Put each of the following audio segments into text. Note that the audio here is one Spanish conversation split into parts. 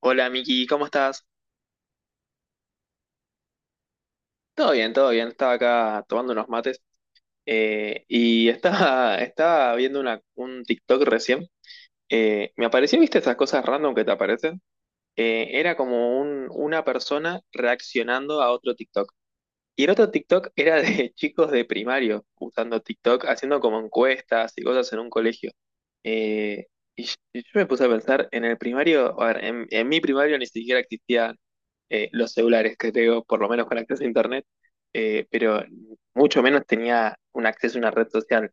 Hola Miki, ¿cómo estás? Todo bien, todo bien. Estaba acá tomando unos mates, y estaba, estaba viendo un TikTok recién. Me apareció, ¿viste esas cosas random que te aparecen? Era como una persona reaccionando a otro TikTok. Y el otro TikTok era de chicos de primario usando TikTok, haciendo como encuestas y cosas en un colegio. Eh, y yo me puse a pensar, en el primario, a ver, en mi primario ni siquiera existían, los celulares, que tengo, por lo menos con acceso a internet, pero mucho menos tenía un acceso a una red social.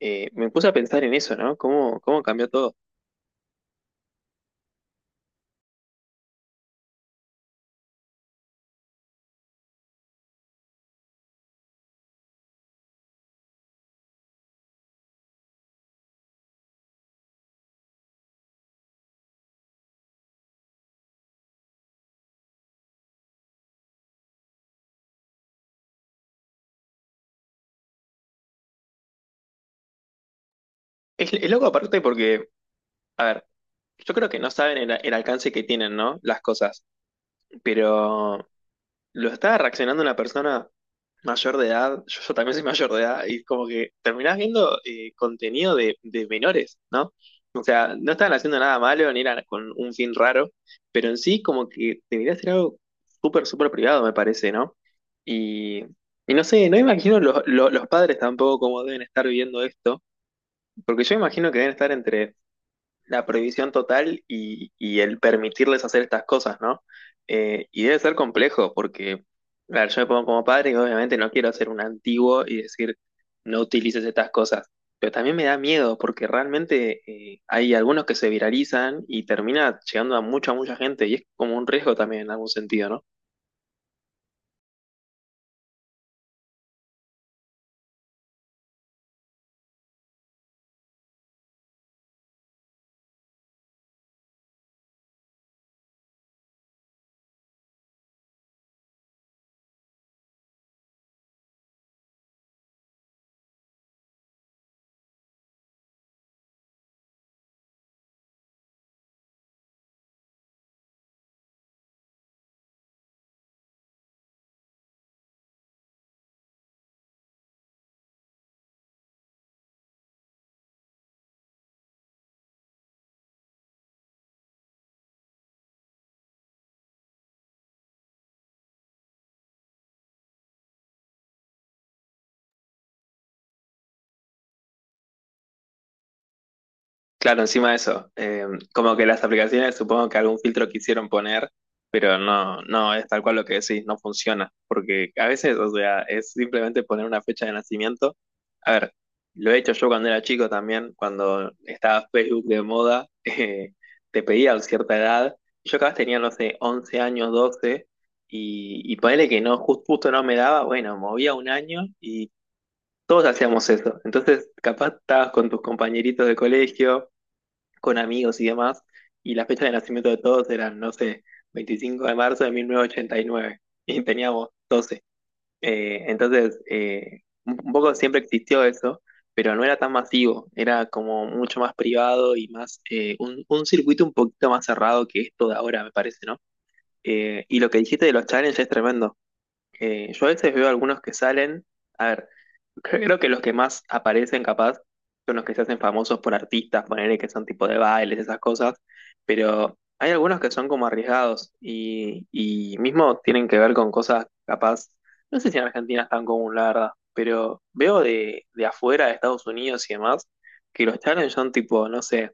Me puse a pensar en eso, ¿no? Cómo cambió todo? Es loco aparte porque, a ver, yo creo que no saben el alcance que tienen, ¿no? Las cosas, pero lo estaba reaccionando una persona mayor de edad, yo también soy mayor de edad, y como que terminás viendo contenido de menores, ¿no? O sea, no estaban haciendo nada malo, ni era con un fin raro, pero en sí como que debería ser algo súper, súper privado, me parece, ¿no? Y, y no sé, no imagino los padres tampoco cómo deben estar viviendo esto, porque yo imagino que deben estar entre la prohibición total y el permitirles hacer estas cosas, ¿no? Y debe ser complejo porque, a ver, yo me pongo como padre y obviamente no quiero ser un antiguo y decir, no utilices estas cosas. Pero también me da miedo porque realmente hay algunos que se viralizan y termina llegando a mucha, mucha gente y es como un riesgo también en algún sentido, ¿no? Claro, encima de eso, como que las aplicaciones supongo que algún filtro quisieron poner, pero no, no es tal cual lo que decís, no funciona, porque a veces, o sea, es simplemente poner una fecha de nacimiento. A ver, lo he hecho yo cuando era chico también, cuando estaba Facebook de moda, te pedía cierta edad, yo cada vez tenía, no sé, 11 años, 12, y ponele que no, justo no me daba, bueno, movía un año y todos hacíamos eso. Entonces, capaz estabas con tus compañeritos de colegio con amigos y demás, y la fecha de nacimiento de todos eran, no sé, 25 de marzo de 1989, y nueve, y teníamos 12. Entonces, un poco siempre existió eso, pero no era tan masivo, era como mucho más privado y más un circuito un poquito más cerrado que esto de ahora, me parece, ¿no? Y lo que dijiste de los challenges es tremendo. Yo a veces veo algunos que salen, a ver, creo que los que más aparecen capaz son los que se hacen famosos por artistas, ponerle que son tipo de bailes, esas cosas, pero hay algunos que son como arriesgados y mismo tienen que ver con cosas capaz, no sé si en Argentina es tan común, la verdad, pero veo de afuera, de Estados Unidos y demás, que los challenge son tipo, no sé,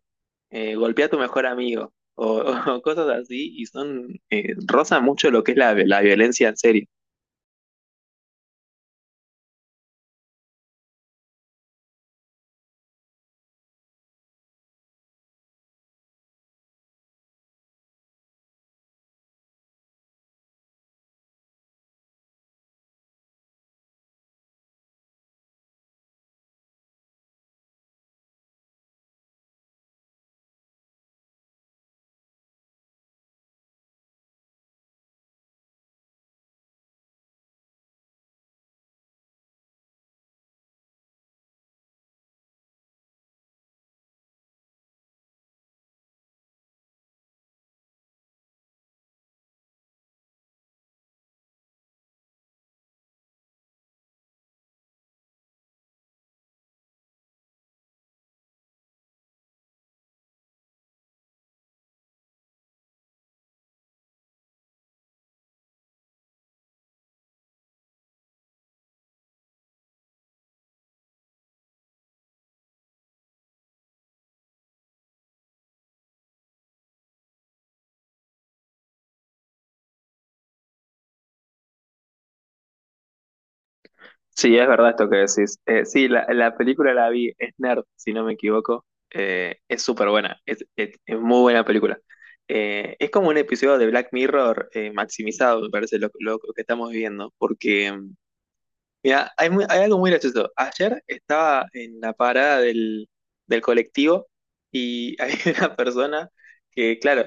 golpea a tu mejor amigo o, o cosas así y son, rozan mucho lo que es la violencia en serio. Sí, es verdad esto que decís. Sí, la película la vi, es Nerd, si no me equivoco. Es súper buena, es muy buena película. Es como un episodio de Black Mirror maximizado, me parece, lo que estamos viviendo. Porque, mira, hay algo muy gracioso. Ayer estaba en la parada del colectivo y hay una persona que, claro,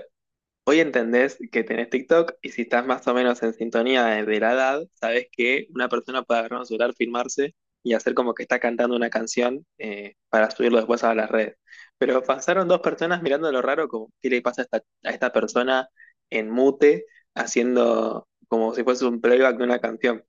hoy entendés que tenés TikTok y si estás más o menos en sintonía de la edad, sabés que una persona puede agarrar un celular, filmarse y hacer como que está cantando una canción, para subirlo después a las redes. Pero pasaron dos personas mirando lo raro, como qué le pasa a esta persona en mute, haciendo como si fuese un playback de una canción.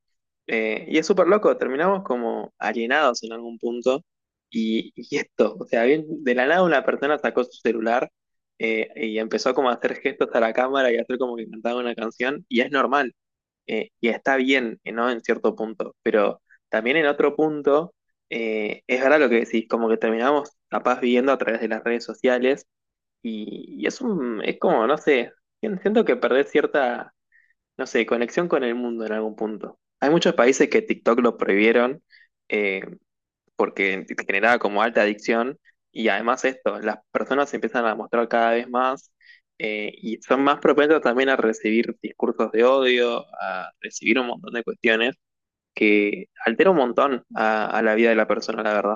Y es súper loco, terminamos como alienados en algún punto. Y esto, o sea, bien, de la nada una persona sacó su celular, y empezó como a hacer gestos a la cámara y a hacer como que cantaba una canción, y es normal, y está bien, ¿no? En cierto punto, pero también en otro punto, es verdad lo que decís, como que terminamos capaz viviendo a través de las redes sociales, y es un, es como, no sé, siento que perdés cierta, no sé, conexión con el mundo en algún punto. Hay muchos países que TikTok lo prohibieron, eh, porque te generaba como alta adicción y además esto, las personas se empiezan a mostrar cada vez más, y son más propensas también a recibir discursos de odio, a recibir un montón de cuestiones que altera un montón a la vida de la persona, la verdad.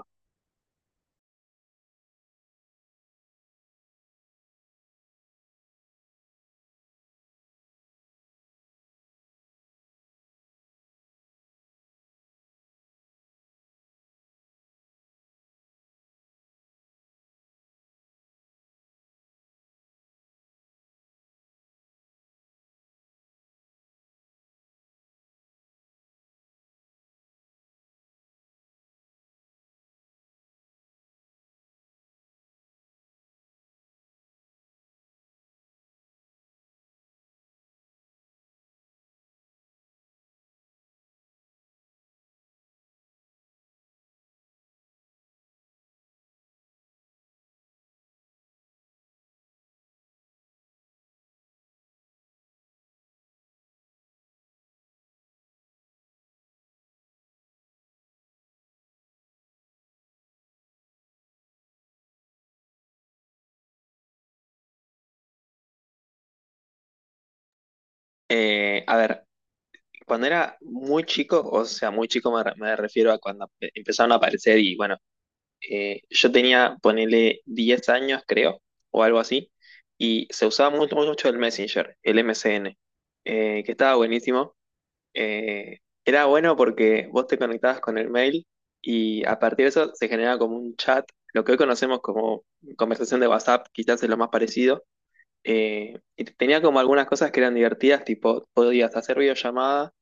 A ver, cuando era muy chico, o sea, muy chico me, me refiero a cuando empezaron a aparecer y bueno, yo tenía, ponele 10 años, creo, o algo así, y se usaba mucho, mucho el Messenger, el MSN, que estaba buenísimo. Eh, Era bueno porque vos te conectabas con el mail y a partir de eso se generaba como un chat, lo que hoy conocemos como conversación de WhatsApp, quizás es lo más parecido. Y tenía como algunas cosas que eran divertidas, tipo podías hacer videollamada,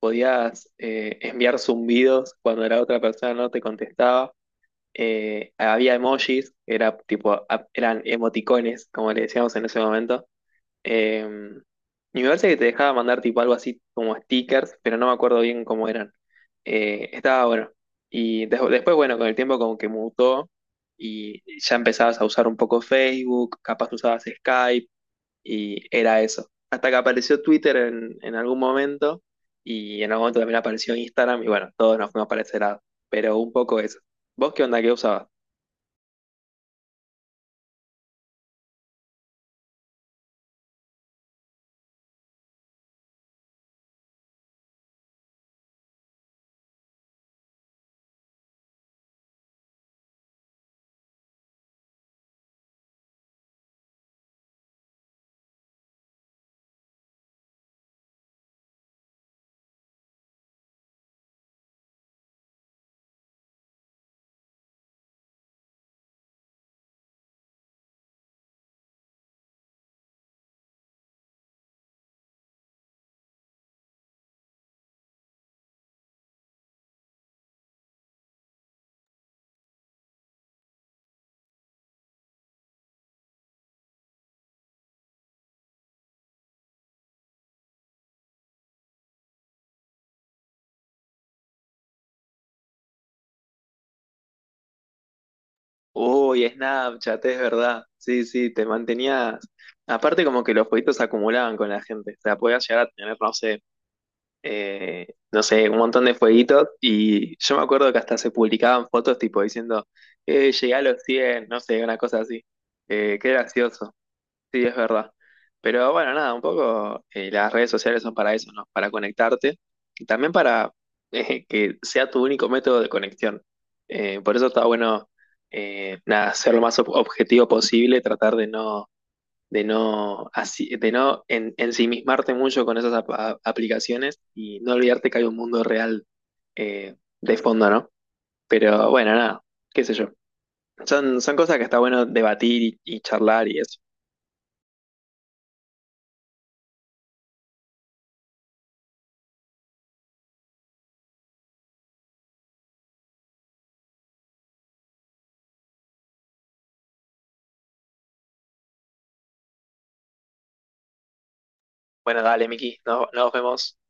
podías enviar zumbidos cuando la otra persona no te contestaba, había emojis, era tipo, eran emoticones, como le decíamos en ese momento. eh, y me parece que te dejaba mandar tipo algo así como stickers, pero no me acuerdo bien cómo eran. Estaba bueno. Y después, bueno, con el tiempo como que mutó y ya empezabas a usar un poco Facebook, capaz usabas Skype y era eso. Hasta que apareció Twitter en algún momento y en algún momento también apareció Instagram y bueno, todos nos fuimos para ese lado. Pero un poco eso. ¿Vos qué onda? ¿Qué usabas? Uy, Snapchat, es verdad. Sí, sí, te mantenías. Aparte, como que los jueguitos se acumulaban con la gente. O sea, podías llegar a tener, no sé, eh, no sé, un montón de jueguitos. Y yo me acuerdo que hasta se publicaban fotos tipo diciendo, llegué a los 100 no sé, una cosa así. Qué gracioso. Sí, es verdad. Pero bueno, nada, un poco las redes sociales son para eso, ¿no? Para conectarte y también para que sea tu único método de conexión. Por eso está bueno, nada, ser lo más objetivo posible, tratar de no, así, de no ensimismarte mucho con esas aplicaciones y no olvidarte que hay un mundo real, eh, de fondo, ¿no? Pero bueno, nada, qué sé yo. Son cosas que está bueno debatir y charlar y eso. Bueno, dale, Miki, nos vemos.